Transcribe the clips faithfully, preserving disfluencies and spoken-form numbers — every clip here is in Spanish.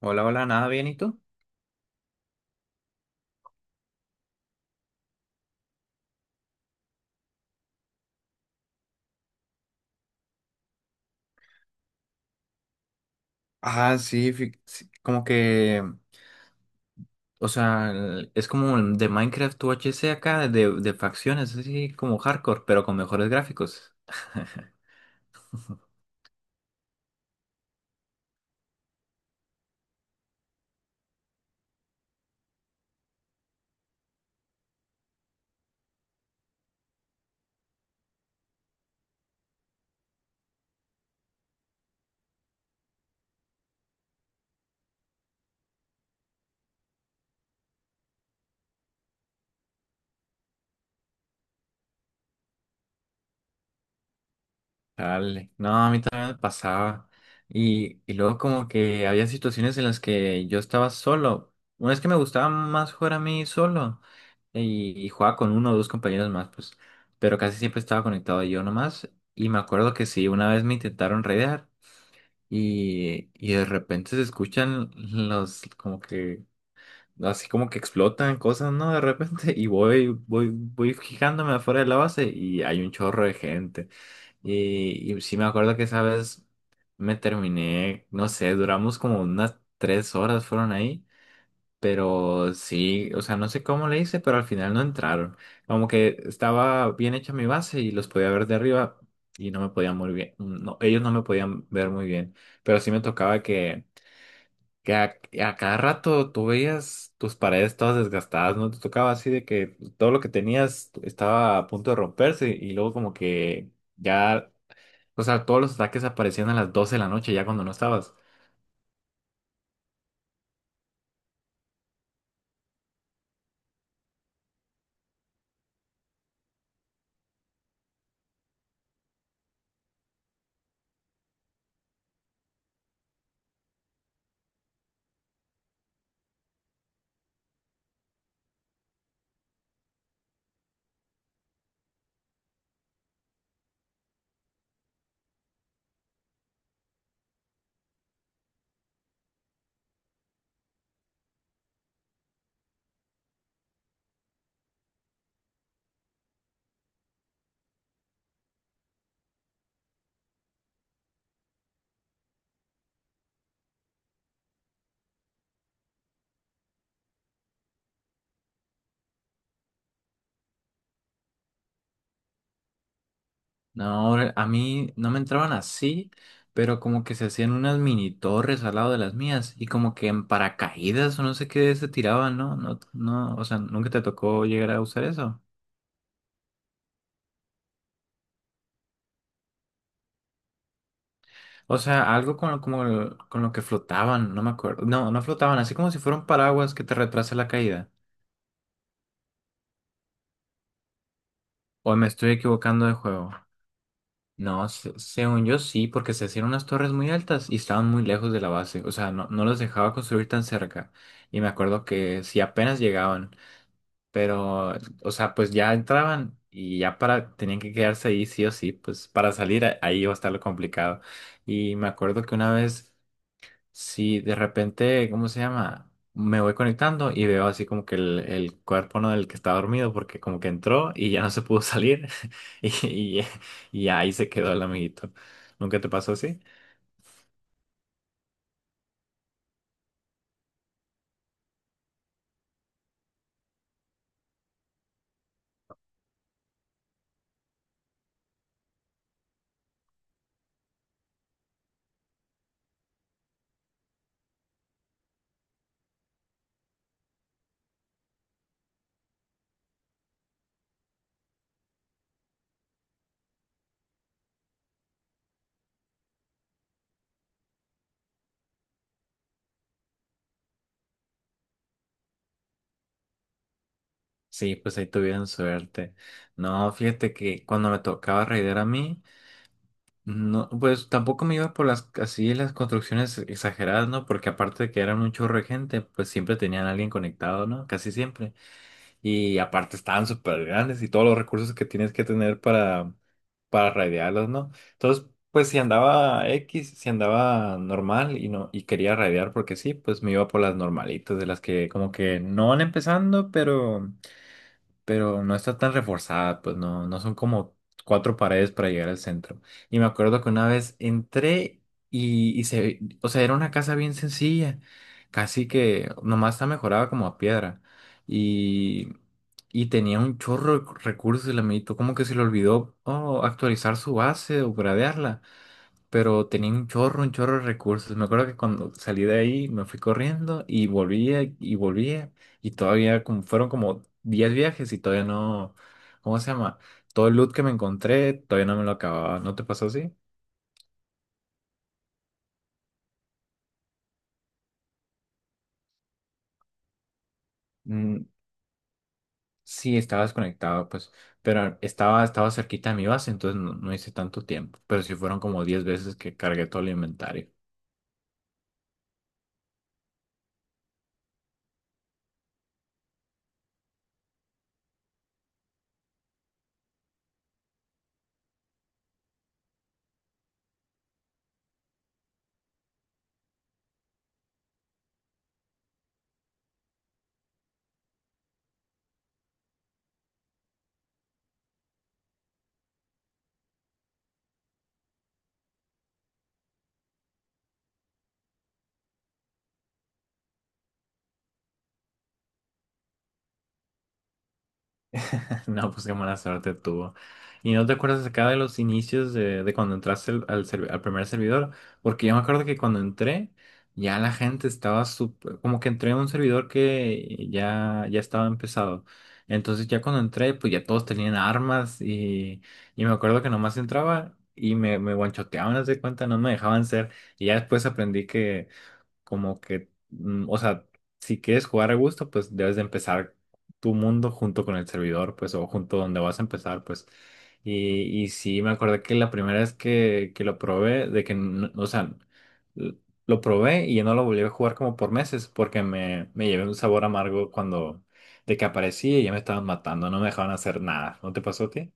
Hola, hola, nada bien, ¿y tú? Ah, sí, fi- sí, como que, o sea, el- es como el de Minecraft U H C acá, de, de facciones, así como hardcore, pero con mejores gráficos. Dale, no, a mí también me pasaba. Y, y luego como que había situaciones en las que yo estaba solo. Una vez que me gustaba más jugar a mí solo y, y jugaba con uno o dos compañeros más, pues, pero casi siempre estaba conectado yo nomás. Y me acuerdo que sí, una vez me intentaron raidear. y, y de repente se escuchan los como que así como que explotan cosas, ¿no? De repente y voy voy voy fijándome afuera de la base y hay un chorro de gente. Y, y sí me acuerdo que esa vez me terminé, no sé, duramos como unas tres horas fueron ahí, pero sí, o sea, no sé cómo le hice, pero al final no entraron. Como que estaba bien hecha mi base y los podía ver de arriba y no me podían muy bien. No, ellos no me podían ver muy bien. Pero sí me tocaba que, que a, a cada rato tú veías tus paredes todas desgastadas, ¿no? Te tocaba así de que todo lo que tenías estaba a punto de romperse y luego como que ya, o sea, todos los ataques aparecían a las doce de la noche ya cuando no estabas. No, a mí no me entraban así, pero como que se hacían unas mini torres al lado de las mías y como que en paracaídas o no sé qué se tiraban, ¿no? No, no, o sea, nunca te tocó llegar a usar eso. O sea, algo con, lo- como el- con lo que flotaban, no me acuerdo. No, no flotaban, así como si fueran paraguas que te retrasa la caída. O me estoy equivocando de juego. No, se- según yo sí, porque se hacían unas torres muy altas y estaban muy lejos de la base. O sea, no, no los dejaba construir tan cerca. Y me acuerdo que si apenas llegaban. Pero, o sea, pues ya entraban y ya para, tenían que quedarse ahí sí o sí, pues para salir a- ahí iba a estar lo complicado. Y me acuerdo que una vez, sí, de repente, ¿cómo se llama? Me voy conectando y veo así como que el, el cuerpo no del que estaba dormido porque como que entró y ya no se pudo salir. y, y, y ahí se quedó el amiguito. ¿Nunca te pasó así? Sí, pues ahí tuvieron suerte. No, fíjate que cuando me tocaba raidear a mí, no, pues tampoco me iba por las así las construcciones exageradas, ¿no? Porque aparte de que eran un chorro de gente, pues siempre tenían a alguien conectado, ¿no? Casi siempre. Y aparte estaban súper grandes y todos los recursos que tienes que tener para, para, raidearlos, ¿no? Entonces, pues si andaba equis, si andaba normal y no, y quería raidear porque sí, pues me iba por las normalitas, de las que como que no van empezando, pero pero no está tan reforzada, pues no, no son como cuatro paredes para llegar al centro. Y me acuerdo que una vez entré y, y se, o sea, era una casa bien sencilla, casi que nomás está mejorada como a piedra. Y, y tenía un chorro de recursos el amiguito, como que se le olvidó, oh, actualizar su base o gradearla, pero tenía un chorro, un chorro, de recursos. Me acuerdo que cuando salí de ahí me fui corriendo y volvía y volvía y todavía como, fueron como diez viajes y todavía no, ¿cómo se llama? Todo el loot que me encontré todavía no me lo acababa. ¿No te pasó así? Mm, sí, estaba desconectado, pues, pero estaba, estaba cerquita de mi base, entonces no, no hice tanto tiempo, pero sí fueron como diez veces que cargué todo el inventario. No, pues qué mala suerte tuvo. ¿Y no te acuerdas acá de los inicios de, de cuando entraste al, al servi- al primer servidor? Porque yo me acuerdo que cuando entré, ya la gente estaba súper, como que entré a un servidor que ya, ya, estaba empezado. Entonces ya cuando entré, pues ya todos tenían armas y, y me acuerdo que nomás entraba y me, me guanchoteaban, haz de cuenta, no me dejaban ser. Y ya después aprendí como que, mm, o sea, si quieres jugar a gusto, pues debes de empezar tu mundo junto con el servidor, pues, o junto donde vas a empezar, pues. Y, y sí, me acordé que la primera vez que, que lo probé, de que, no- o sea, l- lo probé y ya no lo volví a jugar como por meses, porque me, me llevé un sabor amargo cuando, de que aparecía y ya me estaban matando, no me dejaban hacer nada. ¿No te pasó a ti?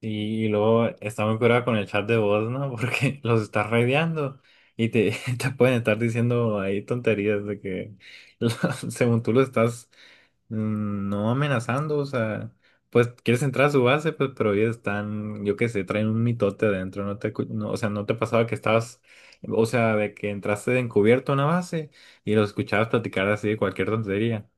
Sí, y luego está muy curado con el chat de voz, ¿no? Porque los estás raideando y te, te pueden estar diciendo ahí tonterías de que lo- según tú lo estás mm, no amenazando, o sea, pues quieres entrar a su base, pues pero ellos están, yo qué sé, traen un mitote adentro, no te, cu- no, o sea, no te pasaba que estabas, o sea, de que entraste de encubierto a una base y los escuchabas platicar así de cualquier tontería.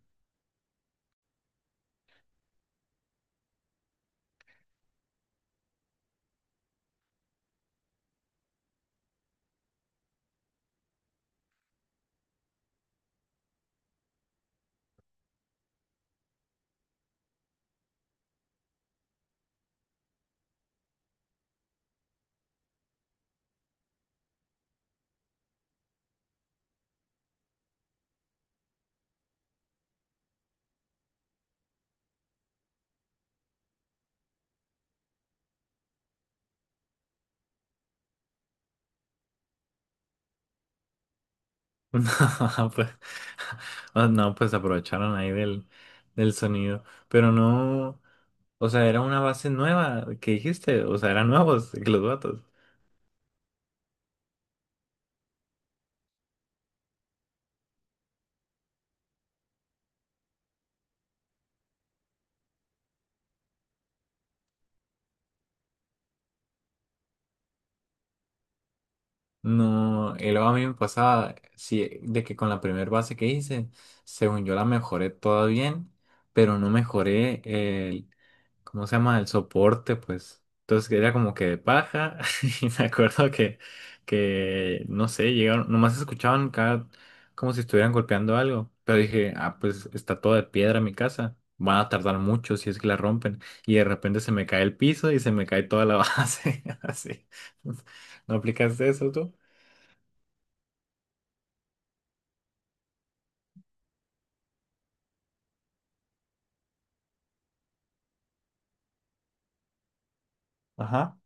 No, pues, ah, no, pues aprovecharon ahí del, del sonido, pero no, o sea, era una base nueva que dijiste, o sea, eran nuevos los vatos. No, y luego a mí me pasaba, sí, de que con la primera base que hice, según yo la mejoré toda bien, pero no mejoré, ¿cómo se llama? El soporte, pues. Entonces era como que de paja y me acuerdo que, que no sé, llegaron, nomás escuchaban cada, como si estuvieran golpeando algo. Pero dije, ah, pues está todo de piedra mi casa. Van a tardar mucho si es que la rompen. Y de repente se me cae el piso y se me cae toda la base. Así. ¿No aplicaste eso tú? Ajá.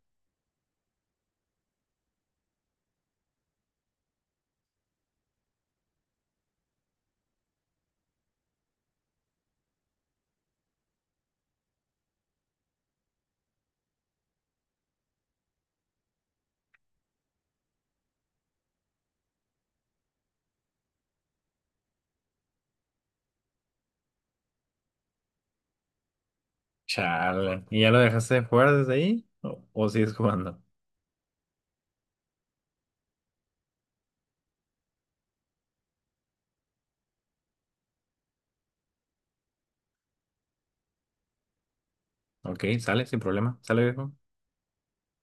Chale. ¿Y ya lo dejaste de jugar desde ahí? ¿O, o sigues jugando? Ok, sale, sin problema. Sale, viejo.